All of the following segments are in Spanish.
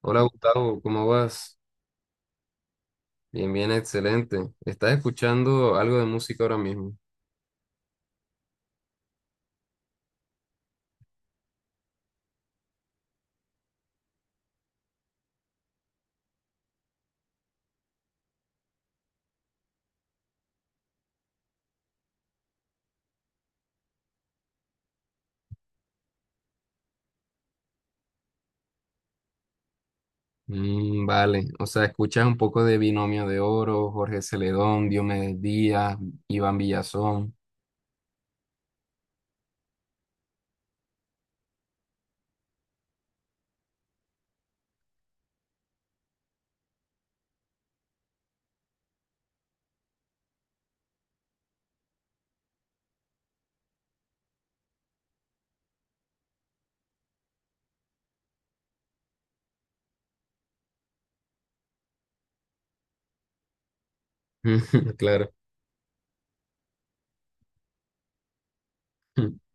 Hola Gustavo, ¿cómo vas? Bien, bien, excelente. ¿Estás escuchando algo de música ahora mismo? Mm, vale, o sea, escuchas un poco de Binomio de Oro, Jorge Celedón, Diomedes Díaz, Iván Villazón. Claro.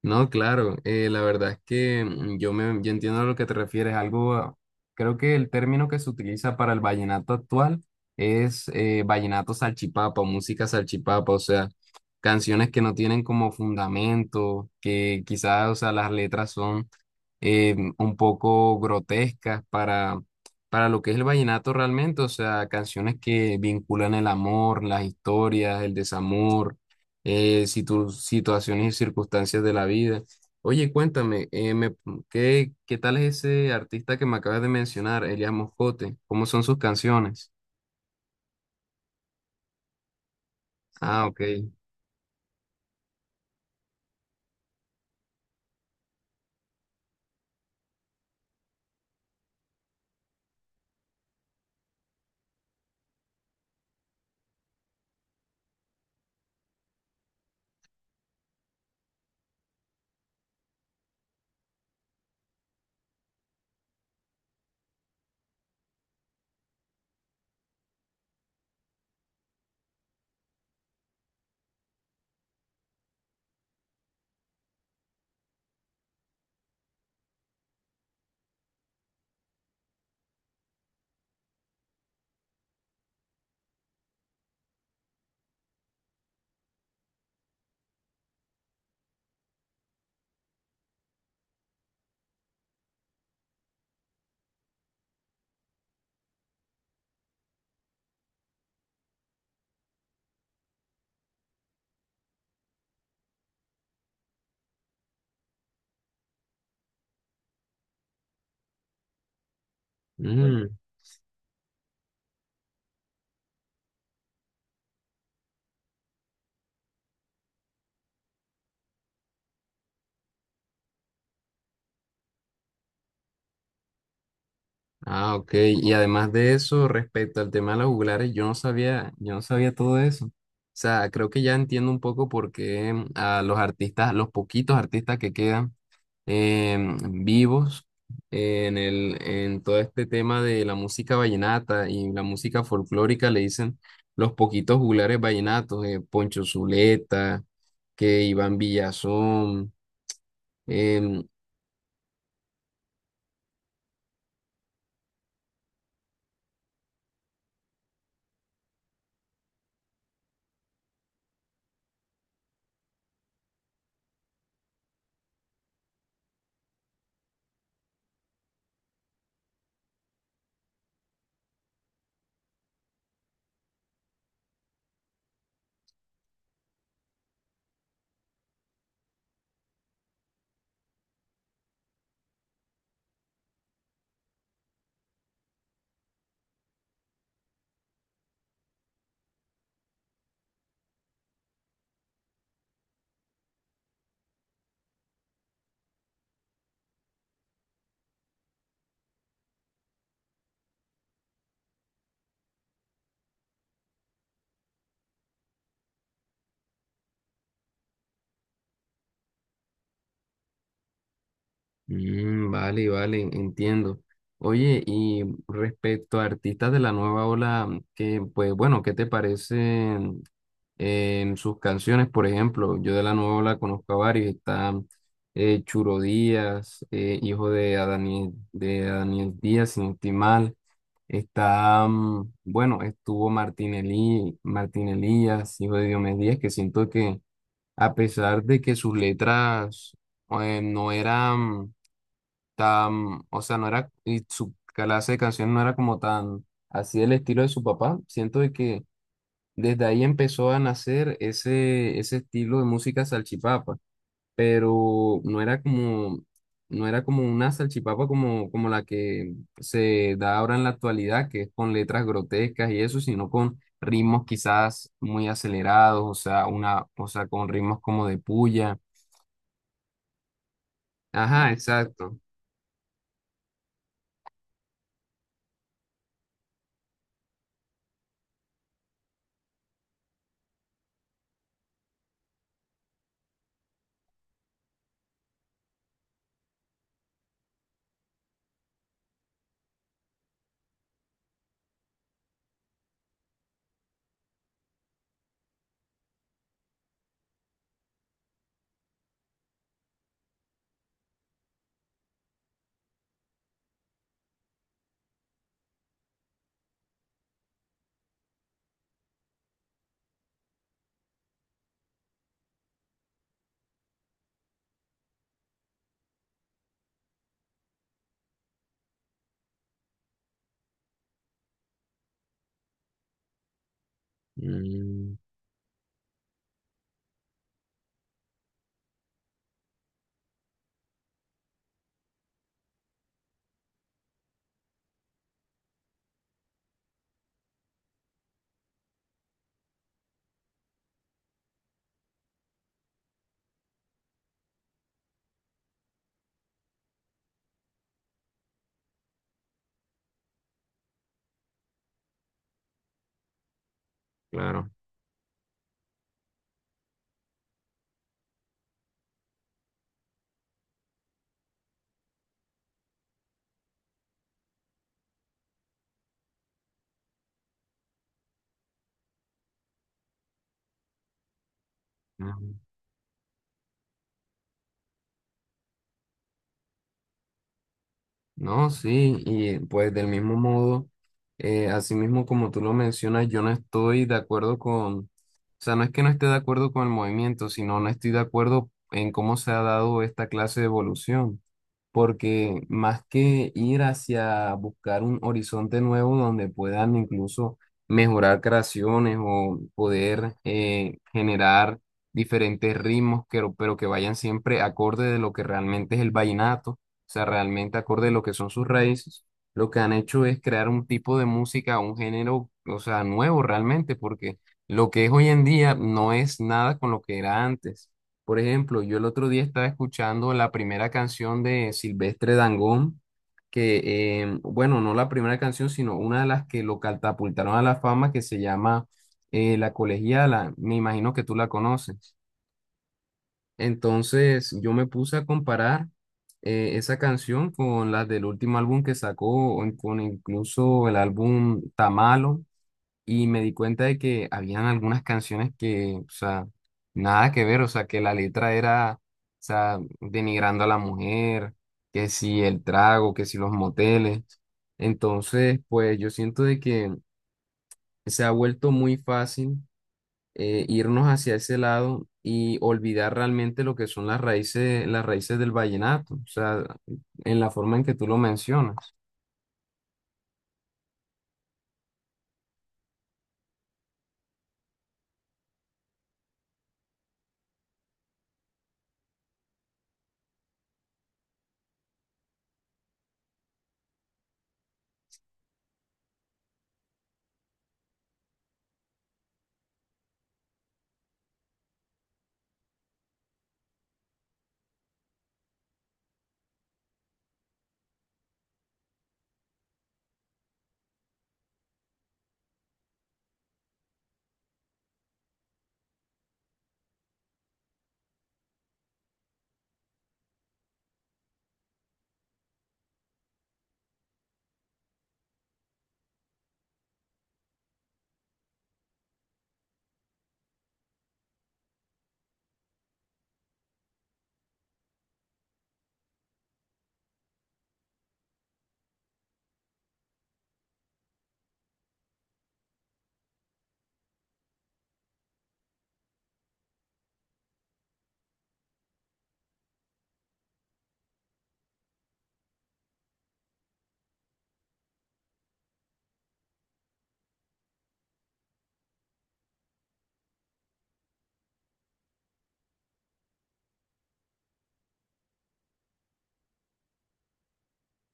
No, claro, la verdad es que mm, yo entiendo a lo que te refieres. Algo, ah, creo que el término que se utiliza para el vallenato actual es vallenato salchipapa, música salchipapa, o sea, canciones que no tienen como fundamento, que quizás, o sea, las letras son un poco grotescas para lo que es el vallenato realmente, o sea, canciones que vinculan el amor, las historias, el desamor, situaciones y circunstancias de la vida. Oye, cuéntame, ¿qué, qué tal es ese artista que me acabas de mencionar, Elias Moscote? ¿Cómo son sus canciones? Ah, ok. Bueno. Mm. Ah, ok. Y además de eso, respecto al tema de los juglares, yo no sabía todo eso. O sea, creo que ya entiendo un poco por qué mm, a los artistas, a los poquitos artistas que quedan em, vivos en el, en todo este tema de la música vallenata y la música folclórica le dicen los poquitos juglares vallenatos, Poncho Zuleta, que Iván Villazón, em, Mm, vale, vale, entiendo. Oye, y respecto a artistas de la nueva ola, que pues bueno, ¿qué te parecen en sus canciones? Por ejemplo, yo de la nueva ola conozco a varios, está Churo Díaz, hijo de Adaniel Díaz, sin no estoy mal. Está, mm, bueno, estuvo Martín Elí, Martín Elías, hijo de Diomedes Díaz, que siento que a pesar de que sus letras no eran tan, o sea, no era, y su clase de canción no era como tan así el estilo de su papá. Siento de que desde ahí empezó a nacer ese, ese estilo de música salchipapa, pero no era como, no era como una salchipapa como, como la que se da ahora en la actualidad, que es con letras grotescas y eso, sino con ritmos quizás muy acelerados, o sea, una, o sea, con ritmos como de puya. Ajá, exacto. Mm, claro. No, sí, y pues del mismo modo, así mismo como tú lo mencionas, yo no estoy de acuerdo con, o sea, no es que no esté de acuerdo con el movimiento, sino no estoy de acuerdo en cómo se ha dado esta clase de evolución porque más que ir hacia buscar un horizonte nuevo donde puedan incluso mejorar creaciones o poder generar diferentes ritmos, que- pero que vayan siempre acorde de lo que realmente es el vallenato, o sea, realmente acorde de lo que son sus raíces, lo que han hecho es crear un tipo de música, un género, o sea, nuevo realmente, porque lo que es hoy en día no es nada con lo que era antes. Por ejemplo, yo el otro día estaba escuchando la primera canción de Silvestre Dangond, que, bueno, no la primera canción, sino una de las que lo catapultaron a la fama, que se llama La Colegiala. Me imagino que tú la conoces. Entonces, yo me puse a comparar esa canción con las del último álbum que sacó, o con incluso el álbum Tamalo y me di cuenta de que habían algunas canciones que, o sea, nada que ver, o sea, que la letra era, o sea, denigrando a la mujer, que si el trago, que si los moteles. Entonces, pues yo siento de que se ha vuelto muy fácil irnos hacia ese lado y olvidar realmente lo que son las raíces del vallenato, o sea, en la forma en que tú lo mencionas.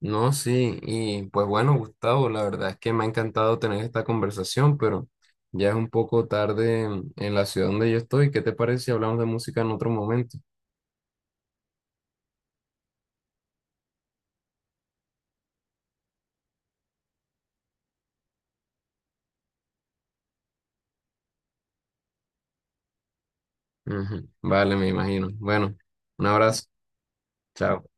No, sí, y pues bueno, Gustavo, la verdad es que me ha encantado tener esta conversación, pero ya es un poco tarde en la ciudad donde yo estoy. ¿Qué te parece si hablamos de música en otro momento? Ujú, vale, me imagino. Bueno, un abrazo. Chao.